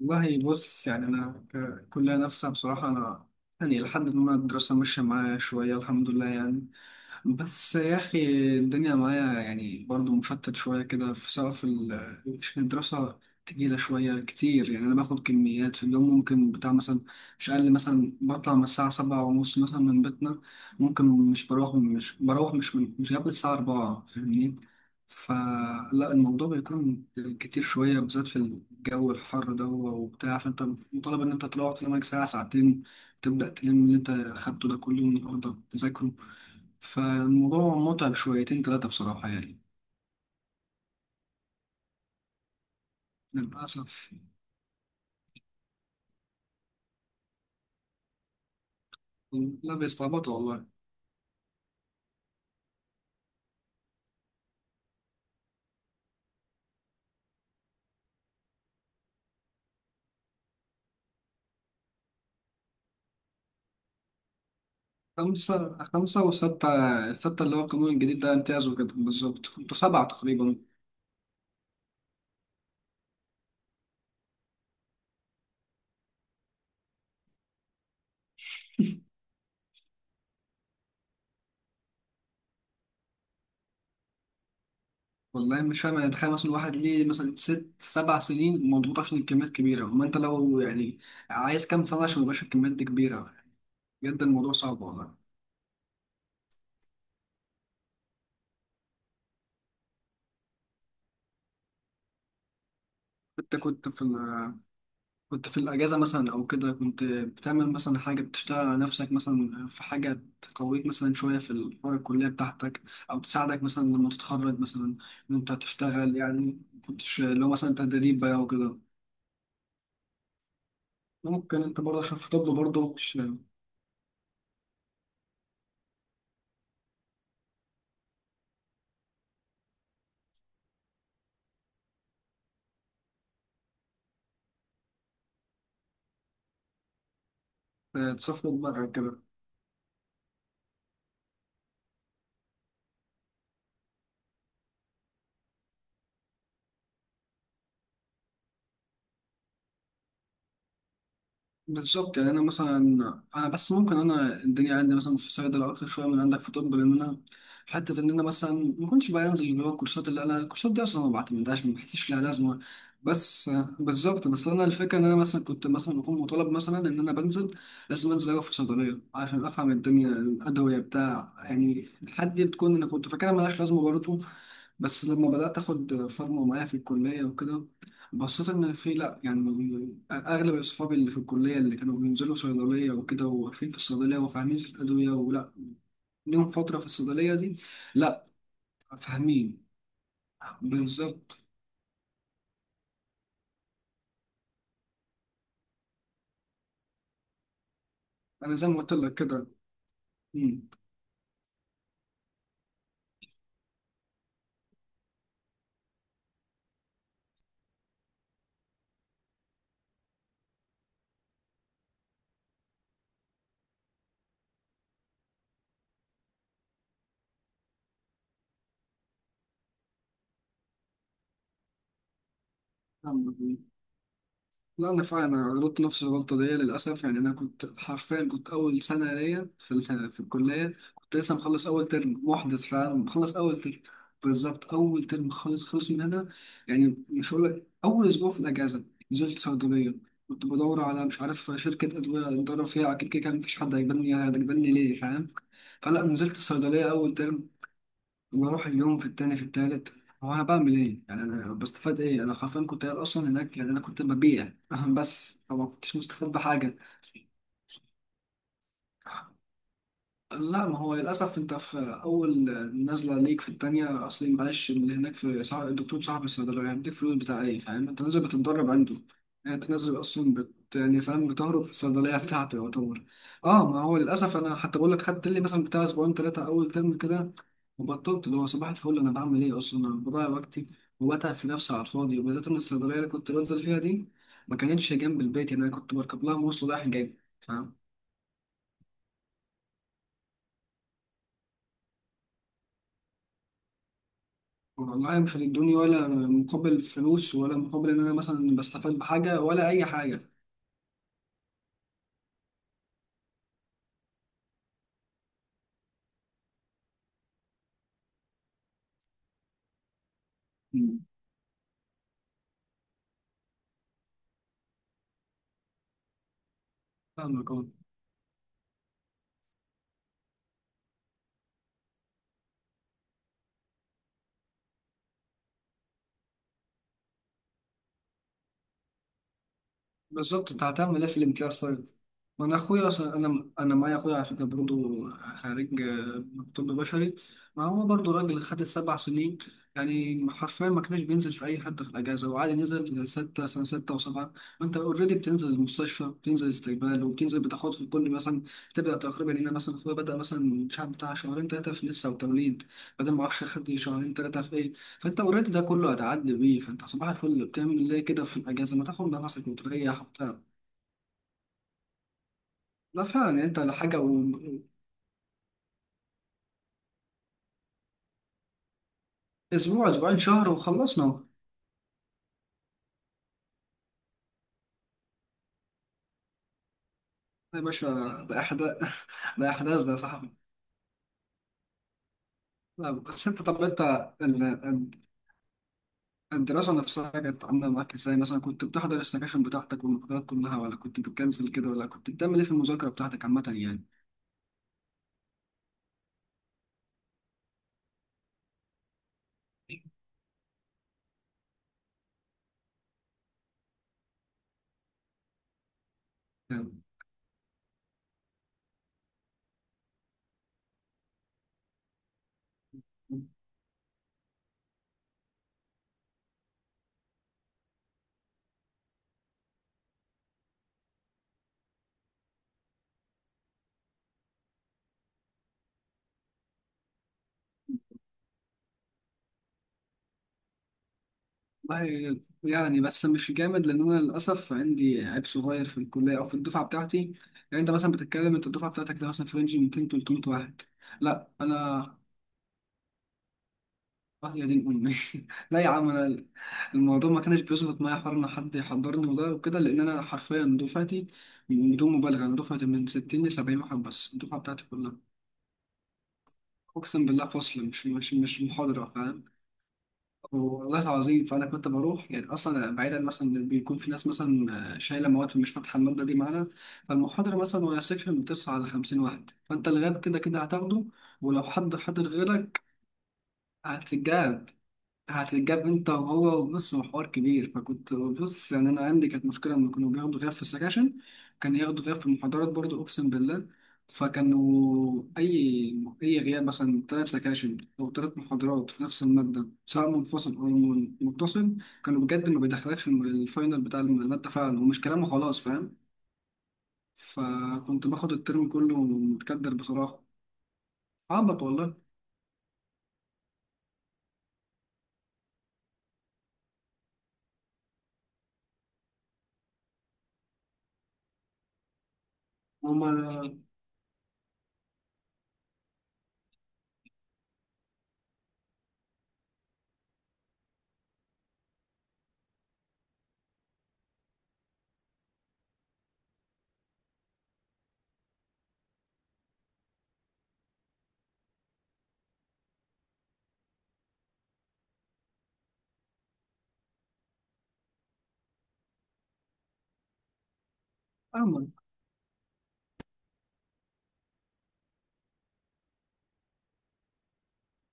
والله بص، يعني أنا كلية نفسها بصراحة. أنا يعني لحد ما الدراسة ماشية معايا شوية الحمد لله يعني. بس يا أخي الدنيا معايا يعني برضو مشتت شوية كده، في سواء عشان الدراسة تقيلة شوية كتير، يعني أنا باخد كميات في اليوم، ممكن بتاع مثلا مش أقل. مثلا بطلع من الساعة 7:30 مثلا من بيتنا، ممكن مش بروح مش بروح مش من مش قبل الساعة 4، فاهمني؟ فلا الموضوع بيكون كتير شوية، بالذات في الجو الحر ده وبتاع، فأنت مطالب إن أنت تروح تنام ساعة ساعتين، تبدأ تلم اللي أنت أخدته ده كله النهاردة تذاكره. فالموضوع متعب شويتين تلاتة بصراحة يعني. للأسف. لا، بيستعبطوا والله. خمسة، خمسة وستة. الستة اللي هو القانون الجديد ده امتيازوا كده، بالظبط. انتوا سبعة تقريبا. والله مش فاهم، يعني تخيل مثلا واحد ليه مثلا ست سبع سنين مضغوط عشان الكميات كبيرة، وما انت لو يعني عايز كام سنة عشان يبقاش الكميات دي كبيرة؟ بجد الموضوع صعب والله. انت كنت في ال- كنت في الأجازة مثلا أو كده، كنت بتعمل مثلا حاجة، بتشتغل على نفسك مثلا في حاجة تقويك مثلا شوية في الحوار الكلية بتاعتك، أو تساعدك مثلا لما تتخرج مثلا إن أنت تشتغل؟ يعني كنتش لو مثلا تدريب بقى وكده؟ ممكن أنت برضه عشان في طب برضه مش تصفي دماغك كده. بالظبط، يعني انا مثلا انا بس ممكن انا الدنيا عندي مثلا في صيدله اكتر شويه من عندك في طب. لان انا حته ان انا مثلا ما كنتش بقى انزل اللي هو الكورسات، اللي انا الكورسات دي اصلا ما بعتمدهاش، ما بحسش لها لازمه. بس بالظبط، بس انا الفكره ان انا مثلا كنت مثلا بكون مطالب مثلا ان انا بنزل، لازم انزل اقف في صيدليه عشان افهم الدنيا الادويه بتاع، يعني الحد دي بتكون انا كنت فاكرها ملهاش لازمه برضه. بس لما بدأت آخد فورمة معايا في الكلية وكده، بصيت إن في، لأ يعني أغلب أصحابي اللي في الكلية اللي كانوا بينزلوا صيدلية وكده، وواقفين في الصيدلية وفاهمين في الأدوية، ولأ ليهم فترة في الصيدلية دي. لأ. فاهمين، بالظبط. أنا زي ما قلت لك كده. مم. لا، انا فعلا انا غلطت نفس الغلطه دي للاسف. يعني انا كنت حرفيا كنت اول سنه ليا في الكليه، كنت لسه مخلص اول ترم، محدث فعلا مخلص اول ترم. بالظبط، اول ترم خالص خالص. من هنا يعني، مش هقول لك اول اسبوع في الاجازه نزلت صيدليه. كنت بدور على مش عارف شركه ادويه ندرب فيها، اكيد كده كان مفيش حد هيجبرني، ليه؟ فاهم؟ فلا نزلت صيدليه اول ترم، بروح اليوم في التاني، في التالت. هو انا بعمل ايه يعني؟ انا بستفاد ايه؟ انا حرفيا كنت قاعد اصلا هناك، يعني انا كنت ببيع بس، فما كنتش مستفاد بحاجه. لا، ما هو للأسف أنت في أول نازلة ليك في التانية. أصلي معلش، اللي هناك في صاحب الصيدلية، يعني هيديك فلوس بتاع إيه؟ فاهم؟ أنت نازل بتتدرب عنده، يعني أنت نازل أصلا بت، يعني فاهم، بتهرب في الصيدلية بتاعته يعتبر. أه، ما هو للأسف أنا حتى بقول لك خدت لي مثلا بتاع أسبوعين تلاتة أول ترم كده وبطلت. اللي هو صباح الفل، أنا بعمل إيه أصلا؟ أنا بضيع وقتي وبتعب في نفسي على الفاضي، وبالذات إن الصيدلية اللي كنت بنزل فيها دي ما كانتش جنب البيت، يعني أنا كنت بركب لها مواصلة رايح جاي، فاهم؟ والله مش هتدوني ولا مقابل فلوس، ولا مقابل ان انا مثلا بستفاد بحاجه ولا اي حاجه. مم. فاهمك. أه. بالظبط، انت هتعمل ايه في الامتياز طيب؟ ما انا اخويا اصلا، انا معايا اخويا على فكره برضه، خريج طب بشري. ما هو برضه راجل خد السبع سنين، يعني حرفيا ما كانش بينزل في اي حته في الاجازه، وعادي نزل سته سنه سته وسبعه. وانت اوريدي بتنزل المستشفى، بتنزل استقبال، وبتنزل بتاخد في كل مثلا. بتبدا تقريبا هنا مثلا اخويا بدا مثلا مش عارف بتاع شهرين ثلاثه في لسه وتوليد، بعدين ما اعرفش خد شهرين ثلاثه في ايه، فانت اوريدي ده كله هتعدي بيه. فانت صباح الفل بتعمل ايه كده في الاجازه؟ ما تاخد نفسك وتريح وبتاع. لا فعلا يعني، انت لحاجه و. اسبوع، اسبوعين، شهر، وخلصنا اهو. يا باشا، ده احداث ده احداث ده يا صاحبي. لا، بس انت طب انت ال- ال- الدراسه نفسها كانت عامله معاك ازاي مثلا؟ كنت بتحضر السكاشن بتاعتك والمحاضرات كلها، ولا كنت بتكنسل كده؟ ولا كنت بتعمل ايه في المذاكره بتاعتك عامه؟ يعني والله يعني، بس مش جامد، لان انا للاسف عندي عيب صغير في الكليه او في الدفعه بتاعتي. يعني انت مثلا بتتكلم، انت الدفعه بتاعتك ده مثلا في رينج 200، 300 واحد. لا، انا آه، يا دين امي لا يا عم انا، الموضوع ما كانش بيظبط معايا حوار ان حد يحضرني وده وكده، لان انا حرفيا دفعتي، بدون مبالغه انا دفعتي من 60 ل 70 واحد بس الدفعه بتاعتي كلها. اقسم بالله، فصل، مش محاضره، فاهم؟ والله العظيم، فانا كنت بروح يعني، اصلا بعيدا مثلا بيكون في ناس مثلا شايله مواد، في مش فاتحه الماده دي معانا. فالمحاضره مثلا ولا سيكشن بتسعة على 50 واحد، فانت الغاب كده كده هتاخده. ولو حد حضر غيرك هتتجاب، هتتجاب انت وهو. وبص، هو حوار كبير. فكنت بص، يعني انا عندي كانت مشكله ان كانوا بياخدوا غياب في السكاشن، كان ياخدوا غياب في المحاضرات برضو، اقسم بالله. فكانوا اي غياب مثلا ثلاث سكاشن او ثلاث محاضرات في نفس الماده، سواء منفصل او متصل، كانوا بجد ما بيدخلكش الفاينل بتاع الماده فعلا، ومش كلام وخلاص، فاهم؟ فكنت باخد الترم كله متكدر بصراحه. عبط والله. هما،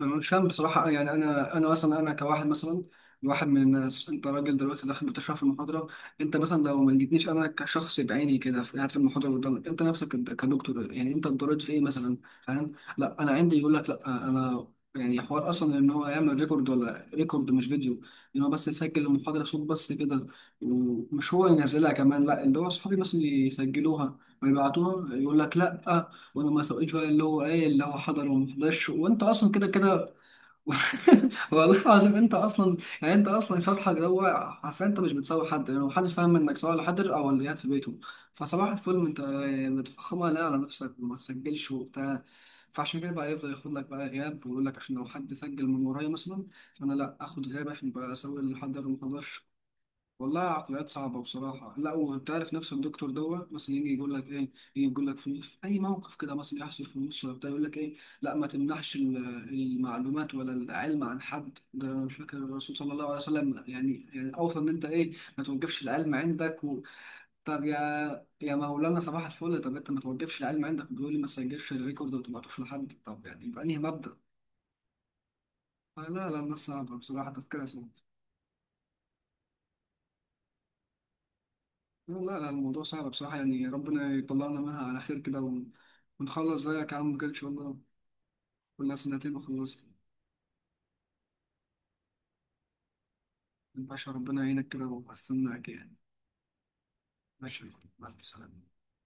أنا مش فاهم بصراحة. يعني أنا أنا مثلا أنا كواحد مثلا، واحد من الناس، أنت راجل دلوقتي داخل بتشرح في المحاضرة. أنت مثلا لو ما لقيتنيش أنا كشخص بعيني كده قاعد في المحاضرة قدامك، أنت نفسك كدكتور، يعني أنت اتضررت في إيه مثلا؟ فاهم؟ لا، أنا عندي يقول لك لا أنا، يعني حوار أصلا إن هو يعمل ريكورد، ولا ريكورد مش فيديو، إن هو بس يسجل المحاضرة صوت بس كده. ومش هو ينزلها كمان، لا، اللي هو أصحابي مثلا يسجلوها ويبعتوها، يقول لك لا. وانا ما سويتش ولا اللي هو ايه، اللي هو حضر وما حضرش وانت اصلا كده كده. والله العظيم، انت اصلا يعني، انت اصلا شرحك ده، هو عارفين انت مش بتساوي حد، يعني محدش فاهم انك، سواء اللي حضر او اللي قاعد في بيته، فصباح الفل انت متفخمها لا على نفسك، وما تسجلش وبتاع. فعشان كده بقى يفضل ياخد لك بقى غياب، ويقول لك عشان لو حد سجل من ورايا مثلا، فانا لا اخد غياب عشان بقى اسوي اللي حضر وما حضرش. والله عقليات صعبة بصراحة. لا، وانت عارف نفس الدكتور دوت مثلا يجي يقول لك ايه، يجي يقول لك في اي موقف كده مثلا يحصل في النص ولا بتاع، يقول لك ايه؟ لا، ما تمنحش المعلومات ولا العلم عن حد، ده أنا مش فاكر الرسول صلى الله عليه وسلم يعني يعني اوصى ان انت ايه، ما توقفش العلم عندك و. طب يا مولانا، صباح الفل، طب انت ما توقفش العلم عندك بيقول لي ما تسجلش الريكورد وما تبعتوش لحد، طب يعني بأنهي مبدأ؟ آه، لا لا، الناس صعبة بصراحة، تفكيرها صعب. لا لا لا، الموضوع صعب بصراحة، يعني ربنا يطلعنا منها على خير كده، ونخلص زيك يا عم كده إن شاء الله. كلها سنتين وخلصنا. باشا ربنا يعينك كده، وأستناك يعني. ماشي. مع السلامة.